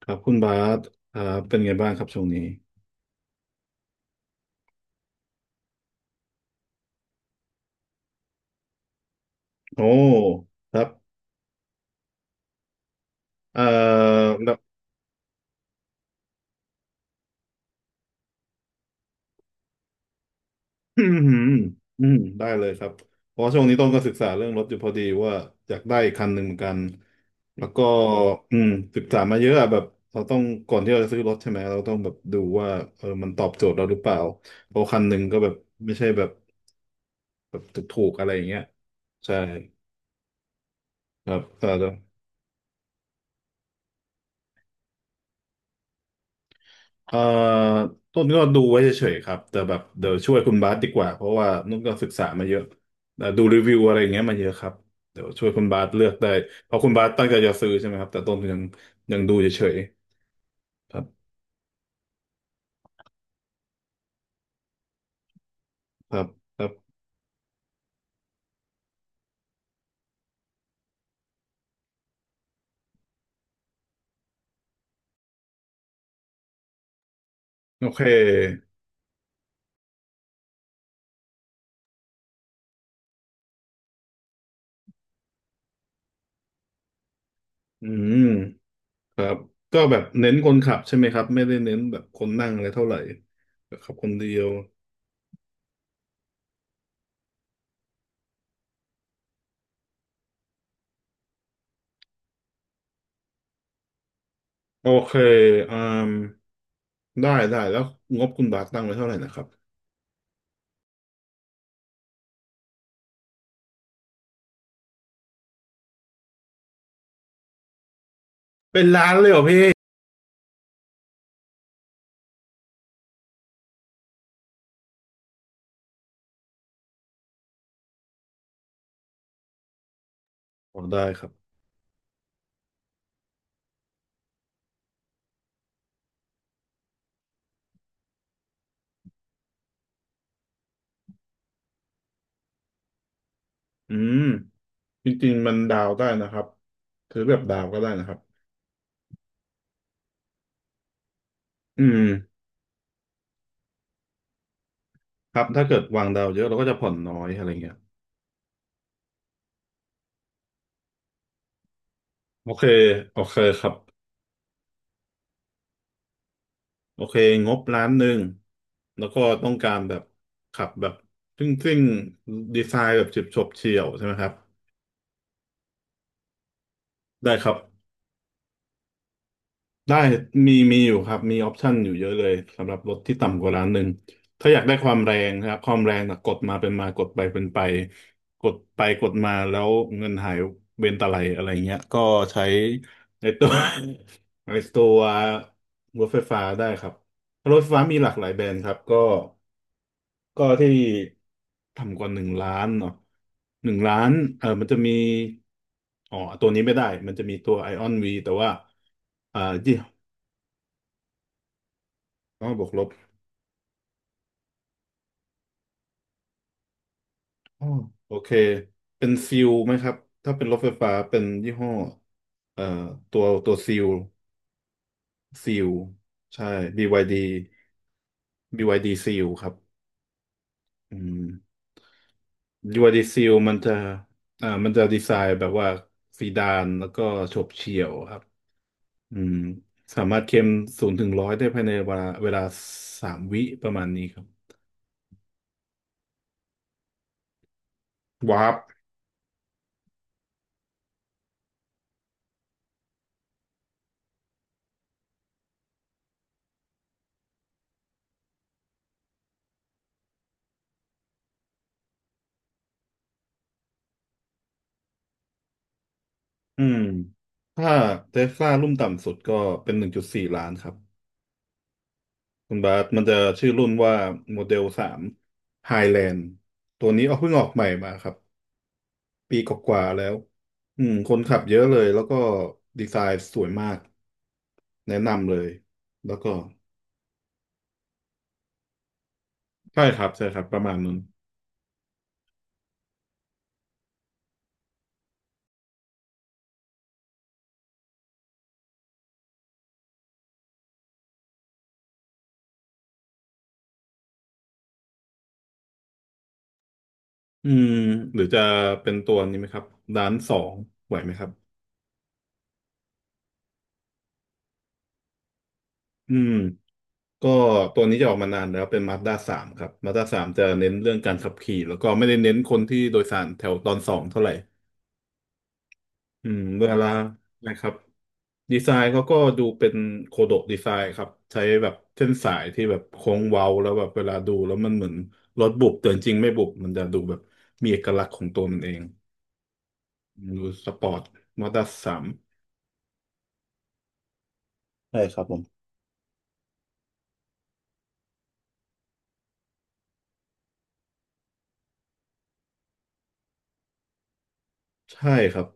ครับคุณบาสครับเป็นไงบ้างครับช่วงนี้โอ้ครับเอ่อแล้ว อืมอืมได้เลยครับเพราะช่วงนี้ต้องก็ศึกษาเรื่องรถอยู่พอดีว่าอยากได้อีกคันหนึ่งเหมือนกันแล้วก็อืมศึกษามาเยอะอะแบบเราต้องก่อนที่เราจะซื้อรถใช่ไหมเราต้องแบบดูว่ามันตอบโจทย์เราหรือเปล่าเพราะคันหนึ่งก็แบบไม่ใช่แบบแบบถูกๆอะไรอย่างเงี้ยใช่ครับครับ เอ่อต้นก็ดูไว้เฉยๆครับแต่แบบเดี๋ยวช่วยคุณบาสดีกว่าเพราะว่านุ่นก็ศึกษามาเยอะดูรีวิวอะไรอย่างเงี้ยมาเยอะครับเดี๋ยวช่วยคุณบาสเลือกได้เพราะคุณบาสตั้งใจจะซื้อใช่ไหมครับแต่ต้นยังดูเฉยๆครับครับครับโอเคอืมครับก็แบบเน้นคนขับใช่ไหมครับไม่ได้เน้นแบบคนนั่งอะไรเท่าไหร่แบบขับคนเดียวโอเคอืมได้แล้วงบคุณบาสตั้งไว้เท่าไหร่นะครับเป็นล้านเลยเหรอพี่โอ้ได้ครับ อืมจริงๆมันดาวได้นะครับซื้อแบบดาวก็ได้นะครับอืมครับถ้าเกิดวางดาวเยอะเราก็จะผ่อนน้อยอะไรเงี้ยโอเคโอเคครับโอเคงบล้านหนึ่งแล้วก็ต้องการแบบขับแบบซิ่งๆดีไซน์แบบฉิบฉบเฉี่ยวใช่ไหมครับได้ครับ ได้มีอยู่ครับมีออปชันอยู่เยอะเลยสำหรับรถที่ต่ำกว่าล้านหนึ่งถ้าอยากได้ความแรงนะครับความแรงนะกดมาเป็นมากดไปเป็นไปกดไปกดมาแล้วเงินหายเบนตะไลอะไรเงี้ยก็ใช้ในตัว ในตัวรถไฟฟ้าได้ครับรถไฟฟ้ามีหลากหลายแบรนด์ครับก็ที่ต่ำกว่าหนึ่งล้านเนาะหนึ่งล้านมันจะมีอ๋อตัวนี้ไม่ได้มันจะมีตัวไอออนวีแต่ว่าอ่าี อ๋อบวกลบอ๋อโอเค เป็นซิลไหมครับ ถ้าเป็นรถไฟฟ้าเป็นยี่ห้อเอ่อตัวซิลซิลใช่ BYD BYD ซิลครับอืม BYD ซิลมันจะมันจะดีไซน์แบบว่าซีดานแล้วก็โฉบเฉี่ยวครับอืมสามารถเข็มศูนย์ถึงร้อยได้ภายในเวลาสามวิประมาณนี้ครับวาร์ปอืมถ้าเทสลารุ่นต่ำสุดก็เป็นหนึ่งจุดสี่ล้านครับ คุณบาสมันจะชื่อรุ่นว่าโมเดลสามไฮแลนด์ตัวนี้เอาเพิ่งออกใหม่มาครับปีกว่าๆแล้วคนขับเยอะเลยแล้วก็ดีไซน์สวยมากแนะนำเลยแล้วก็ใช่ครับใช่ครับประมาณนั้นอืมหรือจะเป็นตัวนี้ไหมครับด้านสองไหวไหมครับอืมก็ตัวนี้จะออกมานานแล้วเป็นมา z ด้าสามครับมา z ด้าสามจะเน้นเรื่องการขับขี่แล้วก็ไม่ได้เน้นคนที่โดยสารแถวตอนสองเท่าไหร่ เวลานะครับดีไซน์เขาก็ดูเป็นโคโดะดีไซน์ครับใช้แบบเส้นสายที่แบบโค้งเว้าแล้วแบบเวลาดูแล้วมันเหมือนรถบุบแต่จริงๆไม่บุบมันจะดูแบบมีเอกลักษณ์ของตัวมันเองดูสปอร์ตมอเตอร์สามใช่ครับผมใช่ครับ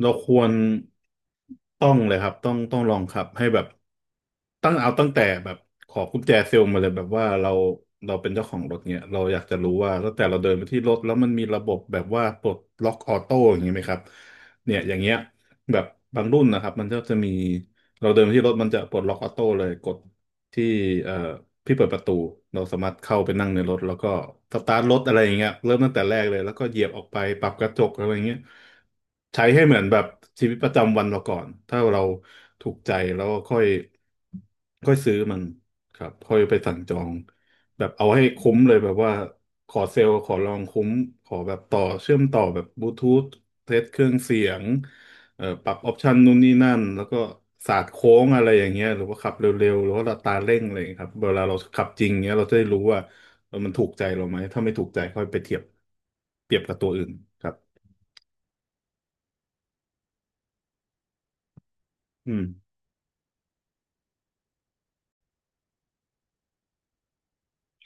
เราควรต้องเลยครับต้องลองขับให้แบบตั้งเอาตั้งแต่แบบขอกุญแจเซลล์มาเลยแบบว่าเราเป็นเจ้าของรถเนี่ยเราอยากจะรู้ว่าตั้งแต่เราเดินไปที่รถแล้วมันมีระบบแบบว่าปลดล็อกออโต้อย่างนี้ไหมครับเนี่ยอย่างเงี้ยแบบบางรุ่นนะครับมันก็จะมีเราเดินไปที่รถมันจะปลดล็อกออโต้เลยกด ที่เอ่อพี่เปิดประตูเราสามารถเข้าไปนั่งในรถแล้วก็สตาร์ทรถอะไรอย่างเงี้ยเริ่มตั้งแต่แรกเลยแล้วก็เหยียบออกไปปรับกระจกอะไรอย่างเงี้ยใช้ให้เหมือนแบบชีวิตประจำวันเราก่อนถ้าเราถูกใจแล้วก็ค่อยค่อยซื้อมันครับค่อยไปสั่งจองแบบเอาให้คุ้มเลยแบบว่าขอเซลล์ขอลองคุ้มขอแบบต่อเชื่อมต่อแบบบลูทูธเทสเครื่องเสียง ปรับออปชันนู่นนี่นั่นแล้วก็ศาสตร์โค้งอะไรอย่างเงี้ยหรือว่าขับเร็วๆหรือว่าอัตราเร่งอะไรอย่างเงี้ยครับเวลาเราขับจริงเงี้ยเราจะได้รู้ว่ามันถูกใจเราไหมถ้าไม่ถูกใจค่อยไปเทียบเปรียบกับตัวอื่นครับอืม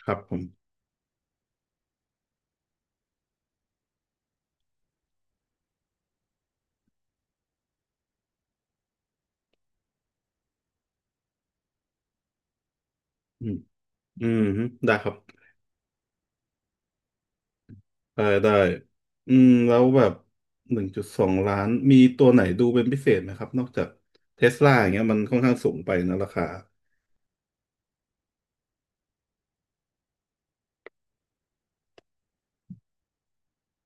ครับผมอืมอืมฮึได้ครับได้ได้อืมแล้วแบบ1.2 ล้านมีตัวไหนดูเป็นพิเศษไหมครับนอกจากเทสลาอย่างเงี้ยมันค่อนข้างสูงไปนะราคา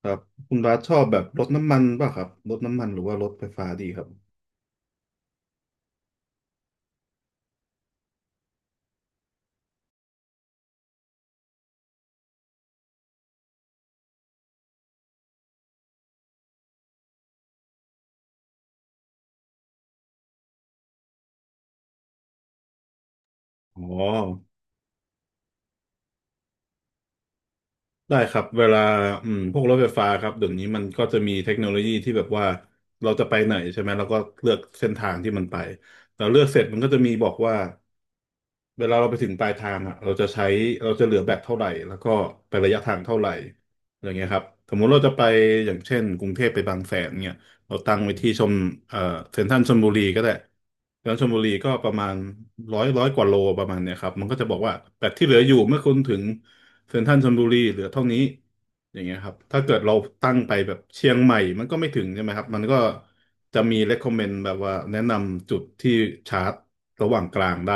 ครับคุณบาสชอบแบบรถน้ำมันป่ะครับรถน้ำมันหรือว่ารถไฟฟ้าดีครับอ๋อ ได้ครับเวลาพวกรถไฟฟ้าครับเดี๋ยวนี้มันก็จะมีเทคโนโลยีที่แบบว่าเราจะไปไหนใช่ไหมแล้วก็เลือกเส้นทางที่มันไปแราเลือกเสร็จมันก็จะมีบอกว่า เวลาเราไปถึงปลายทางอ่ะเราจะเหลือแบตเท่าไหร่แล้วก็ไประยะทางเท่าไหร่อย่างเงี้ยครับสมมุติเราจะไปอย่างเช่นกรุงเทพไปบางแสนเนี่ยเราตั้งไว้ที่ชมเอ่อเซ็นทรัลชลบุรีก็ได้เซ็นทรัลชลบุรีก็ประมาณร้อยกว่าโลประมาณเนี่ยครับมันก็จะบอกว่าแบตที่เหลืออยู่เมื่อคุณถึงเซ็นทรัลชลบุรีเหลือเท่านี้อย่างเงี้ยครับถ้าเกิดเราตั้งไปแบบเชียงใหม่ มันก็ไม่ถึงใช่ไหมครับมันก็จะมี recommend แบบว่าแนะนำจุดที่ชาร์จระหว่างกลางได้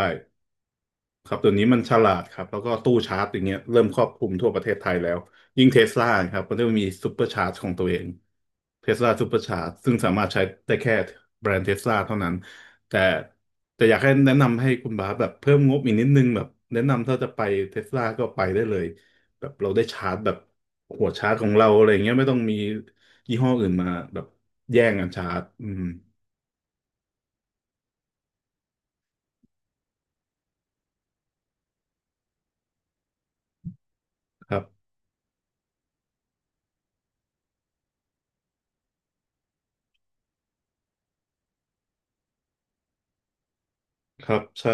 ครับตัวนี้มันฉลาดครับแล้วก็ตู้ชาร์จอย่างเงี้ยเริ่มครอบคลุมทั่วประเทศไทยแล้วยิ่งเทสลาครับมันจะมีซูเปอร์ชาร์จของตัวเองเทสลาซูเปอร์ชาร์จซึ่งสามารถใช้ได้แค่แบรนด์เทสลาเท่านั้นแต่แต่อยากให้แนะนำให้คุณบาสแบบเพิ่มงบอีกนิดนึงแบบแนะนำถ้าจะไปเทสลาก็ไปได้เลยแบบเราได้ชาร์จแบบหัวชาร์จของเราอะไรเงี้ยไม่ต้องมียี่ห้ออื่นมาแบบแย่งกันชาร์จอืมครับครับใช่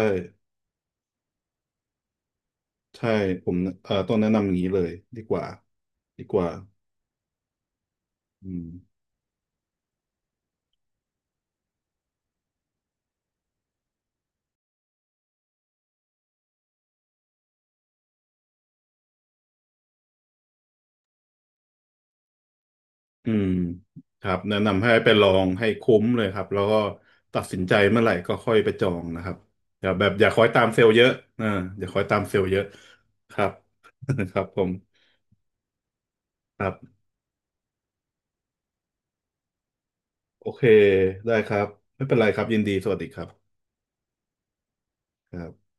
ใช่ผมต้องแนะนำอย่างนี้เลยดีกว่าดีกว่าอืมอืมครับแนะนำให้ไปลองให้คุ้มเลยครับแล้วก็ตัดสินใจเมื่อไหร่ก็ค่อยไปจองนะครับอย่าแบบอย่าคอยตามเซลล์เยอะอ่าอย่าคอยตามเซลล์เยอะครับ ครับผมครับโอเคได้ครับไม่เป็นไรครับยินดีสวัสดีครับครับ